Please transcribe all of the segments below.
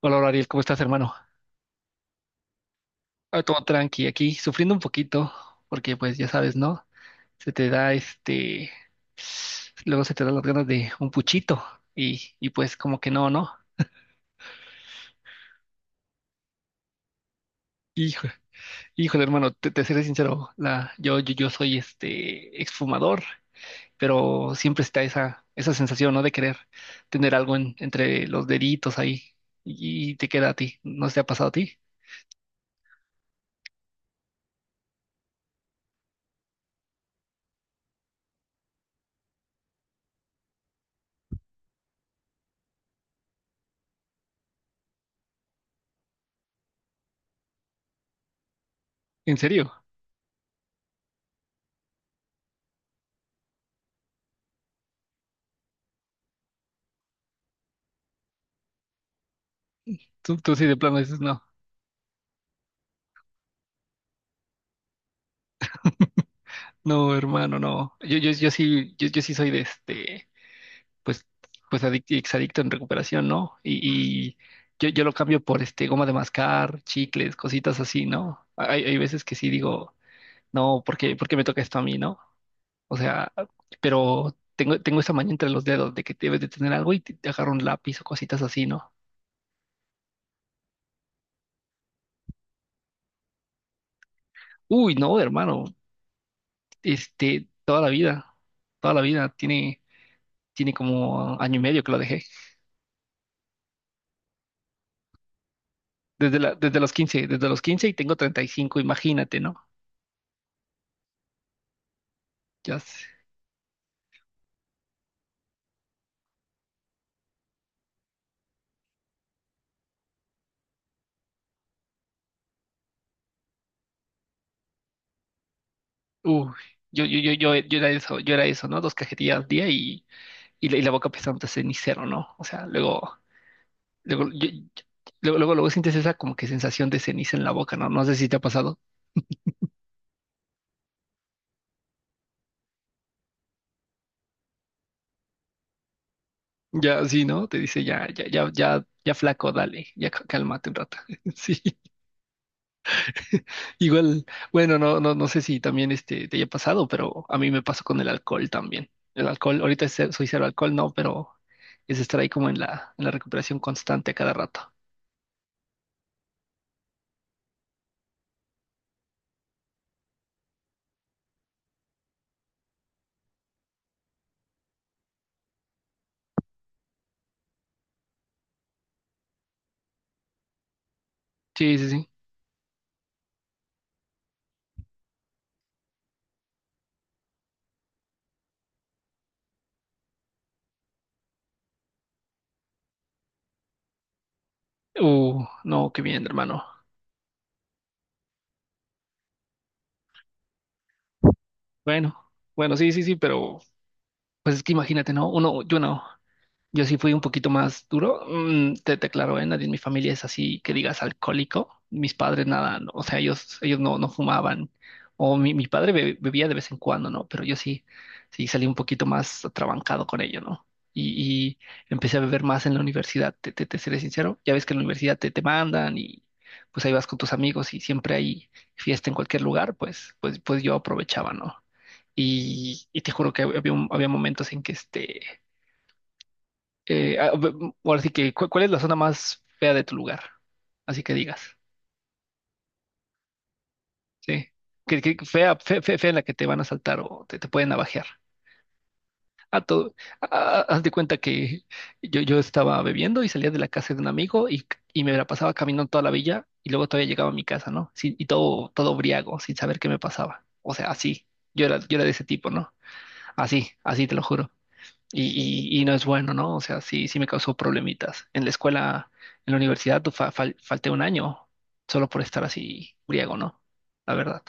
Hola, Ariel, ¿cómo estás, hermano? Ah, todo tranqui aquí, sufriendo un poquito, porque pues ya sabes, ¿no? Se te da, luego se te dan las ganas de un puchito y pues como que no, ¿no? Hijo, híjole, hermano, te seré sincero, yo soy exfumador, pero siempre está esa sensación, ¿no? De querer tener algo entre los deditos ahí, y te queda a ti, ¿no se ha pasado a ti? ¿En serio? ¿Tú sí de plano dices, no? No, hermano, no. Yo sí soy de, pues, pues adicto, exadicto en recuperación, ¿no? Y yo lo cambio por goma de mascar, chicles, cositas así, ¿no? Hay veces que sí digo, no, ¿por qué me toca esto a mí, no? O sea, pero tengo esa maña entre los dedos de que debes de tener algo y te agarro un lápiz o cositas así, ¿no? Uy, no, hermano, toda la vida, toda la vida. Tiene como año y medio que lo dejé. Desde los quince, y tengo 35, imagínate, ¿no? Ya sé. Uy, yo era eso, yo era eso, ¿no? 2 cajetillas al día, y la boca pesante de cenicero, ¿no? O sea, luego, luego, yo- yo- luego, luego, luego sientes esa como que sensación de ceniza en la boca, ¿no? No sé si te ha pasado. Ya, sí, ¿no? Te dice, ya, ya, ya, ya, ya, flaco, dale, ya cálmate un rato. Sí. Igual, bueno, no sé si también te haya pasado, pero a mí me pasó con el alcohol también. El alcohol, ahorita es soy cero alcohol, no, pero es estar ahí como en la recuperación constante a cada rato. Sí, sí, sí. No, qué bien, hermano. Bueno, bueno, sí, sí, sí, pero pues es que imagínate, ¿no? Uno, yo no. Yo sí fui un poquito más duro. Te aclaro, ¿eh? Nadie en mi familia es así que digas alcohólico. Mis padres nada, no, o sea, ellos no fumaban. O mi padre bebía de vez en cuando, ¿no? Pero yo sí salí un poquito más atrabancado con ello, ¿no? Y empecé a beber más en la universidad, te seré sincero. Ya ves que en la universidad te mandan y pues ahí vas con tus amigos y siempre hay fiesta en cualquier lugar, pues yo aprovechaba, ¿no? Y te juro que había momentos en que, ahora sí que, ¿cuál es la zona más fea de tu lugar? Así que digas, ¿sí? Que fea, fea, en la que te van a saltar o te pueden navajear. a todo, Haz de cuenta que yo estaba bebiendo y salía de la casa de un amigo, y me la pasaba caminando toda la villa y luego todavía llegaba a mi casa, ¿no? Sí, y todo, todo briago, sin saber qué me pasaba. O sea, así. Yo era de ese tipo, ¿no? Así, así te lo juro. Y no es bueno, ¿no? O sea, sí me causó problemitas. En la escuela, en la universidad, falté un año solo por estar así griego, ¿no? La verdad.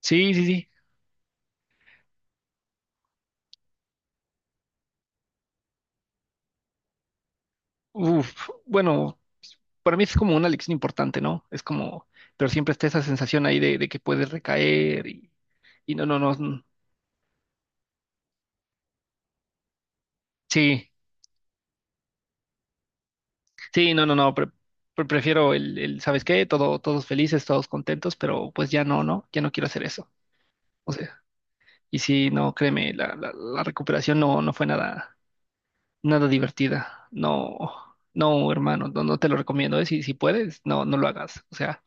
Sí, sí, sí. Uf, bueno, para mí es como una lección importante, ¿no? Es como, pero siempre está esa sensación ahí de que puedes recaer, y no, no, no. Sí, sí, no, no, no. Prefiero ¿sabes qué? Todo, todos felices, todos contentos, pero pues ya no, ¿no? Ya no quiero hacer eso. O sea. Y sí, no, créeme, la recuperación no fue nada, nada divertida. No, no, hermano, no, no te lo recomiendo, ¿eh? Si puedes, no, no lo hagas. O sea,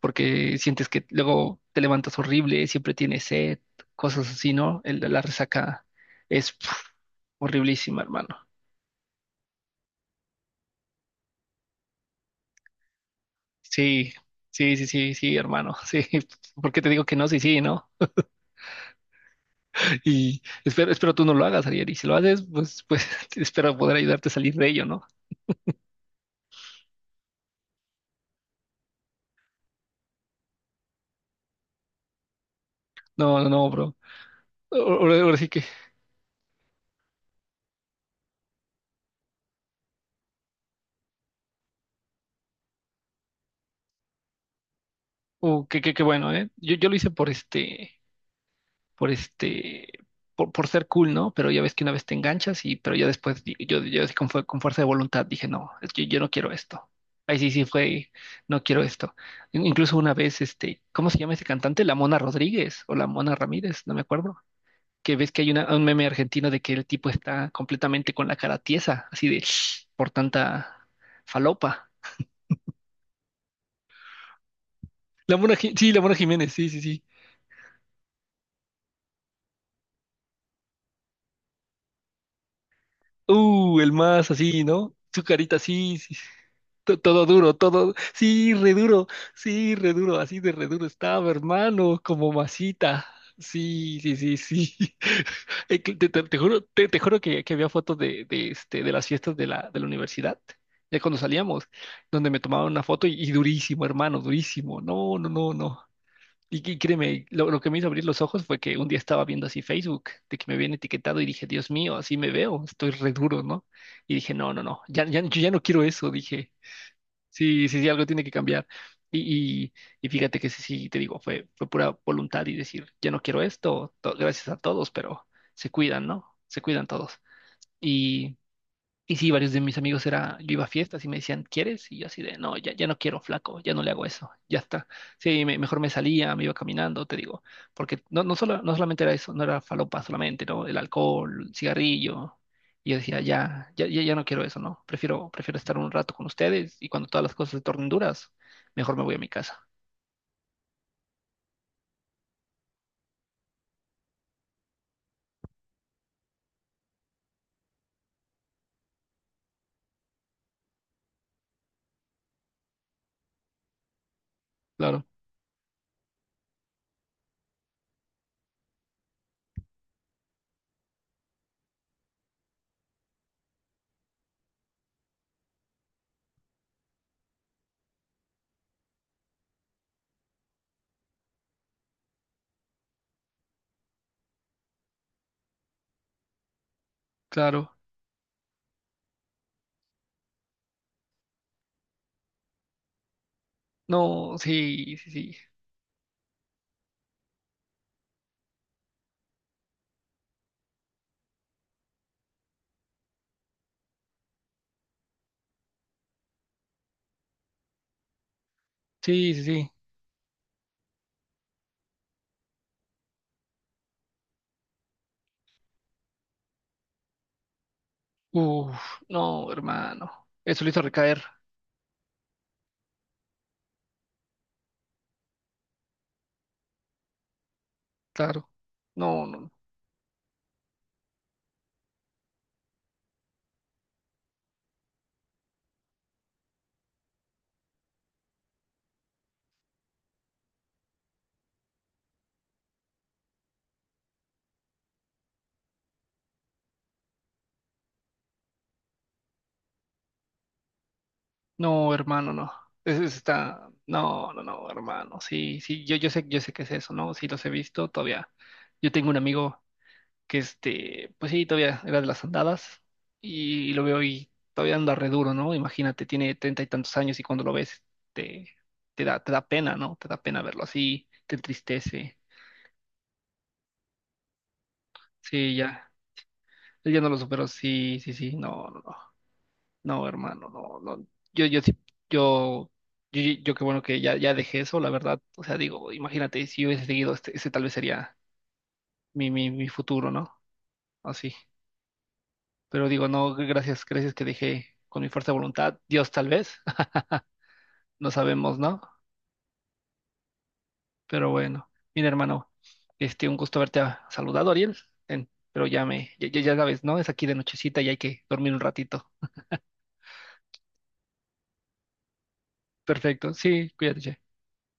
porque sientes que luego te levantas horrible, siempre tienes sed, cosas así, ¿no? La resaca es, horriblísima, hermano. Sí, sí, sí, sí, sí, hermano. Sí, ¿por qué te digo que no? Sí, sí, ¿no? Y espero tú no lo hagas, Ariel. Y si lo haces, pues, espero poder ayudarte a salir de ello, ¿no? No, no, no, bro. Ahora sí que, que bueno, ¿eh? Yo lo hice por este, por ser cool, ¿no? Pero ya ves que una vez te enganchas y, pero ya después, yo así con fuerza de voluntad dije, no, es que yo, no quiero esto. Ahí sí fue, no quiero esto. Incluso una vez, ¿cómo se llama ese cantante? La Mona Rodríguez o la Mona Ramírez, no me acuerdo. Que ves que hay un meme argentino de que el tipo está completamente con la cara tiesa, así de, por tanta falopa. La Mona, sí, la Mona Jiménez, sí, sí, sí. El más así, ¿no? Su carita así, sí, todo duro, todo, sí, re duro, así de re duro estaba, hermano, como masita. Sí, sí, sí, sí. Te juro, te juro que había fotos de las fiestas de la universidad, ya cuando salíamos, donde me tomaban una foto, y durísimo, hermano, durísimo. No, no, no, no. Y créeme, lo que me hizo abrir los ojos fue que un día estaba viendo así Facebook, de que me habían etiquetado y dije, Dios mío, así me veo, estoy re duro, ¿no? Y dije, no, no, no, ya, ya, yo ya no quiero eso, dije, sí, sí, sí, algo tiene que cambiar. Y, y, y fíjate que sí, te digo, fue pura voluntad y decir, ya no quiero esto, gracias a todos, pero se cuidan, ¿no? Se cuidan todos. Y sí, varios de mis amigos era, yo iba a fiestas y me decían, ¿quieres? Y yo así de, no, ya, ya no quiero, flaco, ya no le hago eso, ya está. Sí, mejor me salía, me iba caminando, te digo, porque no solamente era eso, no era falopa solamente, ¿no? El alcohol, el cigarrillo. Y yo decía, ya, ya, ya, ya no quiero eso, ¿no? Prefiero estar un rato con ustedes, y cuando todas las cosas se tornen duras, mejor me voy a mi casa. Claro, claro. No, sí, sí, sí. Sí, sí, sí. Uf, no, hermano. Eso lo hizo recaer, claro. No, no, no. No, hermano, no. Está. No, no, no, hermano. Sí, sí, yo sé que es eso, ¿no? Sí, los he visto todavía. Yo tengo un amigo que, pues sí, todavía era de las andadas, y lo veo y todavía anda re duro, ¿no? Imagínate, tiene 30 y tantos años, y cuando lo ves, te, te da pena, ¿no? Te da pena verlo así, te entristece. Sí, ya. Él ya no lo superó. Sí, sí, sí. No, no, no. No, hermano, no, no. Yo sí, yo, yo, yo yo qué bueno que ya dejé eso, la verdad. O sea, digo, imagínate, si yo hubiese seguido, ese tal vez sería mi futuro, ¿no? Así. Pero digo, no, gracias, gracias que dejé con mi fuerza de voluntad. Dios tal vez, no sabemos, ¿no? Pero bueno, mira, hermano, un gusto haberte saludado, Ariel. Pero ya me, ya, ya ya sabes, ¿no? Es aquí de nochecita y hay que dormir un ratito. Perfecto, sí, cuídate. Che.